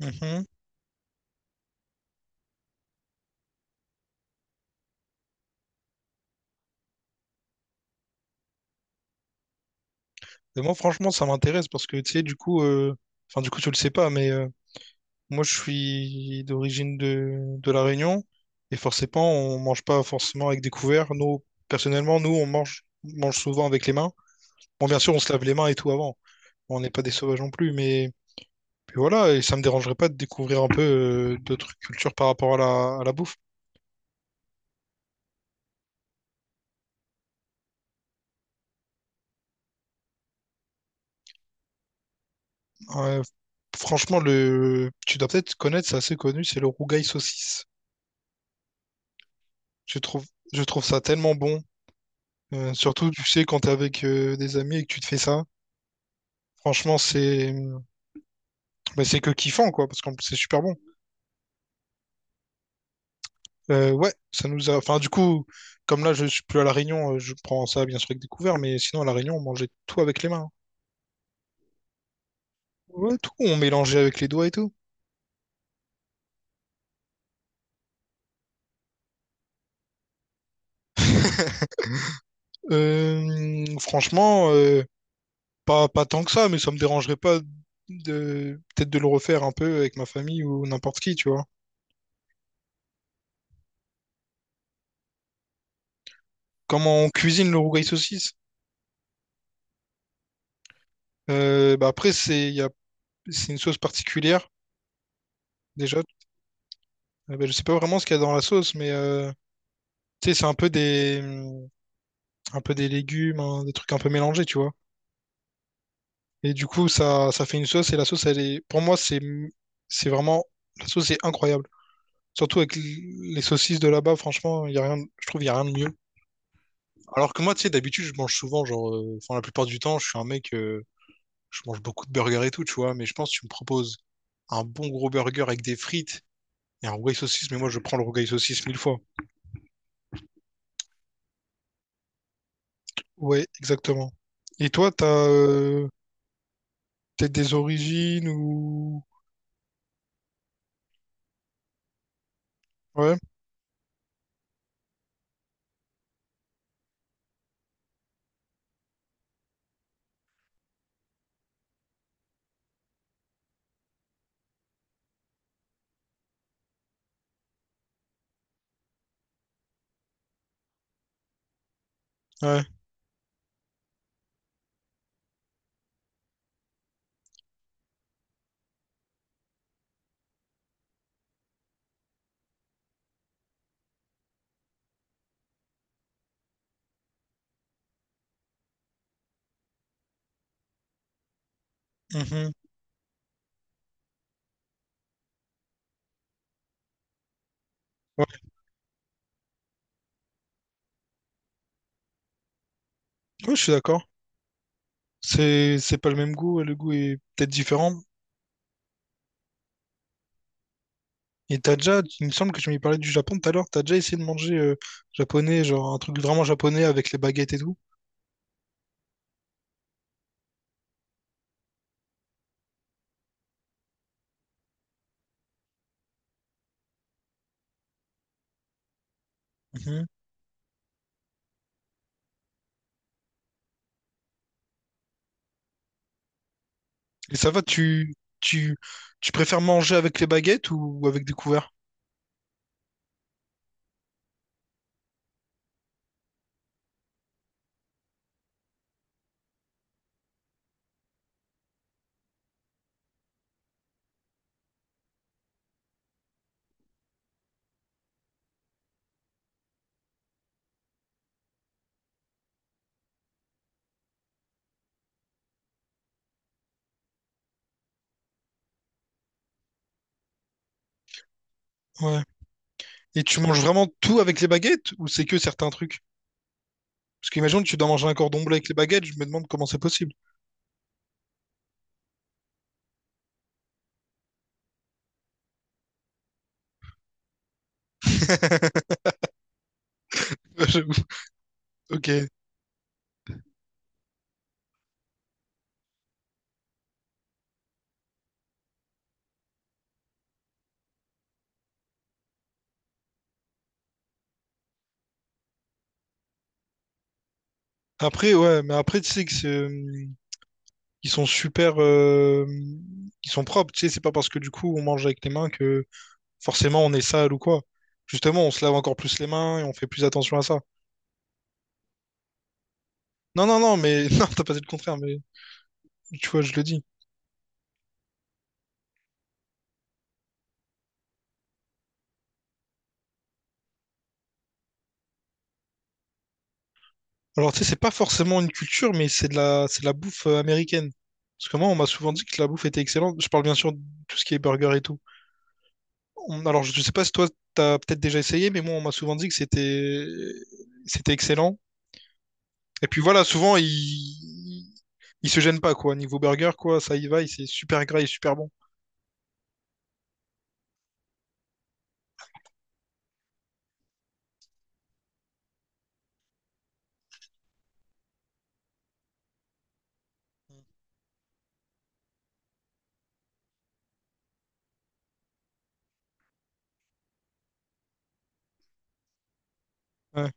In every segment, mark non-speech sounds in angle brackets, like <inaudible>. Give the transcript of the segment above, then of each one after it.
Mhm. Et moi, franchement, ça m'intéresse parce que, tu sais, du coup, enfin, du coup, tu le sais pas, mais moi, je suis d'origine de La Réunion et forcément, on mange pas forcément avec des couverts. Nous, personnellement, nous, on mange souvent avec les mains. Bon, bien sûr, on se lave les mains et tout avant. On n'est pas des sauvages non plus, mais puis voilà, et ça me dérangerait pas de découvrir un peu d'autres cultures par rapport à la bouffe. Ouais, franchement, le, tu dois peut-être connaître, c'est assez connu, c'est le rougail saucisse. Je trouve, je trouve ça tellement bon. Surtout, tu sais, quand t'es avec des amis et que tu te fais ça, franchement, c'est bah, c'est que kiffant, quoi, parce que c'est super bon. Ouais, ça nous a. Enfin, du coup, comme là, je suis plus à La Réunion, je prends ça bien sûr avec des couverts, mais sinon, à La Réunion, on mangeait tout avec les mains. Ouais, tout, on mélangeait avec les doigts et tout. <laughs> Franchement, pas tant que ça, mais ça me dérangerait pas de peut-être de le refaire un peu avec ma famille ou n'importe qui, tu vois. Comment on cuisine le rougail saucisse? Bah après, c'est il y a- c'est une sauce particulière déjà. Bah, je sais pas vraiment ce qu'il y a dans la sauce, mais tu sais, c'est un peu des légumes, hein, des trucs un peu mélangés, tu vois. Et du coup, ça fait une sauce et la sauce, elle est, pour moi, c'est vraiment, la sauce est incroyable. Surtout avec l- les saucisses de là-bas, franchement, il y a rien, je trouve, il y a rien de mieux. Alors que moi, tu sais, d'habitude, je mange souvent, genre, enfin, la plupart du temps, je suis un mec, je mange beaucoup de burgers et tout, tu vois. Mais je pense que tu me proposes un bon gros burger avec des frites et un rougail saucisse, mais moi, je prends le rougail saucisse mille fois. Ouais, exactement. Et toi, t'as peut-être des origines ou... Ouais, ouais. Mhm. Ouais, ouais, je suis d'accord. C'est pas le même goût, ouais, le goût est peut-être différent. Et t'as déjà, il me semble que tu m'y parlais du Japon tout à l'heure, t'as déjà essayé de manger japonais, genre un truc vraiment japonais avec les baguettes et tout. Mhm. Et ça va, tu, tu préfères manger avec les baguettes ou avec des couverts? Ouais. Et tu manges vraiment tout avec les baguettes ou c'est que certains trucs? Parce qu'imagine tu dois manger un cordon bleu avec les baguettes, je me demande comment c'est possible. <laughs> <laughs> Ouais, j'avoue. Ok. Après, ouais, mais après, tu sais que c'est, ils sont super, ils sont propres, tu sais, c'est pas parce que du coup on mange avec les mains que forcément on est sale ou quoi. Justement, on se lave encore plus les mains et on fait plus attention à ça. Non, non, non, mais <laughs> non, t'as pas dit le contraire, mais tu vois, je le dis. Alors, tu sais, c'est pas forcément une culture, mais c'est de la bouffe américaine. Parce que moi, on m'a souvent dit que la bouffe était excellente. Je parle bien sûr de tout ce qui est burger et tout. Alors, je sais pas si toi, t'as peut-être déjà essayé, mais moi, on m'a souvent dit que c'était excellent. Et puis voilà, souvent, ils... Ils se gênent pas, quoi. Niveau burger, quoi, ça y va, c'est super gras et super bon. Ouais.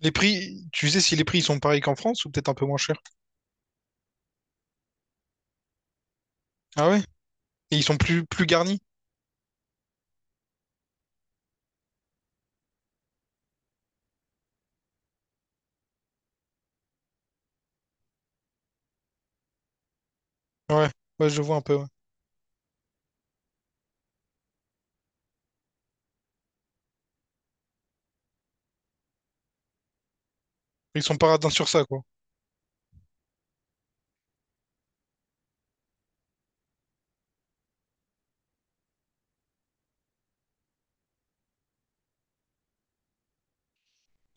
Les prix, tu sais si les prix ils sont pareils qu'en France ou peut-être un peu moins chers? Ah ouais? Et ils sont plus garnis? Ouais, ouais, je vois un peu. Ouais. Ils sont pas radins sur ça, quoi.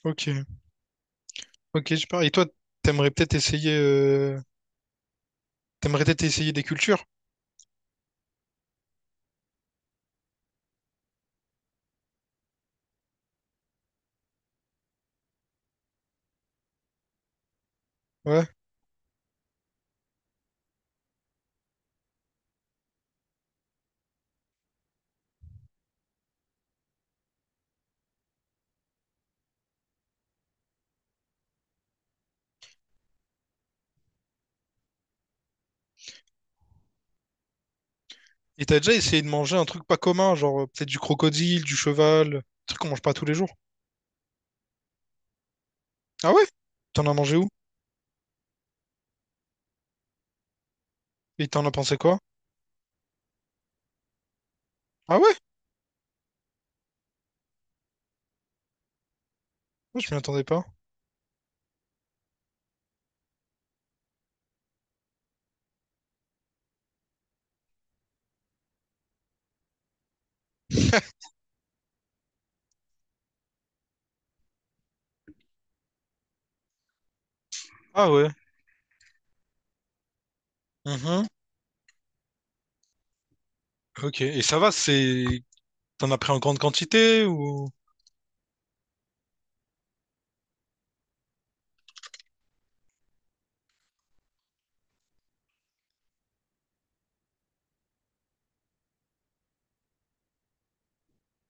Ok, ok, super. Et toi, t'aimerais peut-être essayer, euh, t'aimerais peut-être essayer des cultures? Ouais. Et t'as déjà essayé de manger un truc pas commun, genre peut-être du crocodile, du cheval, un truc qu'on mange pas tous les jours? Ah ouais? T'en as mangé où? Et t'en as pensé quoi? Ah ouais? Moi, je m'y attendais pas. Ah ouais. Mhm. Ok. Et ça va, c'est. T'en as pris en grande quantité ou.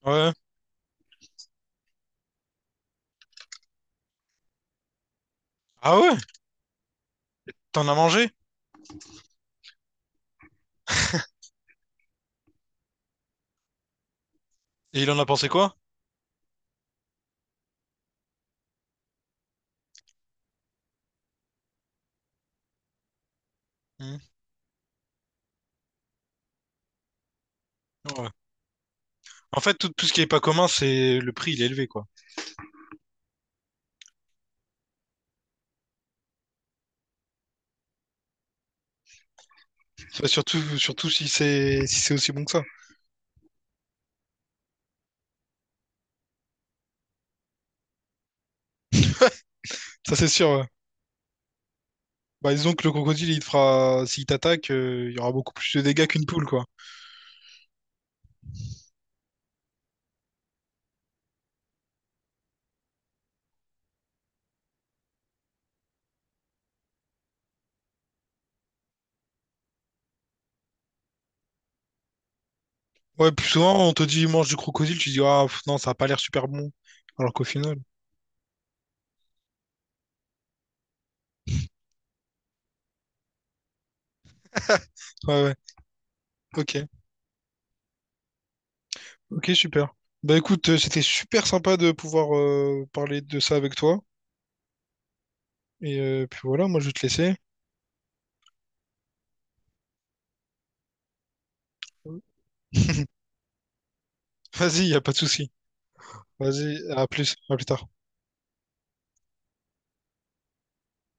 Ouais. Ah ouais? T'en as mangé? Et il en a pensé quoi? Mhm. Ouais. En fait, tout, tout ce qui est pas commun, c'est le prix, il est élevé, quoi. Ça, surtout, surtout si c'est aussi bon que ça. Ça, c'est sûr, ouais. Bah, disons que le crocodile, il te fera. S'il t'attaque, il y aura beaucoup plus de dégâts qu'une poule, quoi. Ouais, plus souvent, on te dit mange du crocodile, tu dis ah pff, non, ça a pas l'air super bon. Alors qu'au final, ouais, ouais, ok, ok, super. Bah écoute, c'était super sympa de pouvoir parler de ça avec toi. Et puis voilà, moi je vais te laisser. <laughs> Vas-y, y a pas de souci. Vas-y, à plus tard.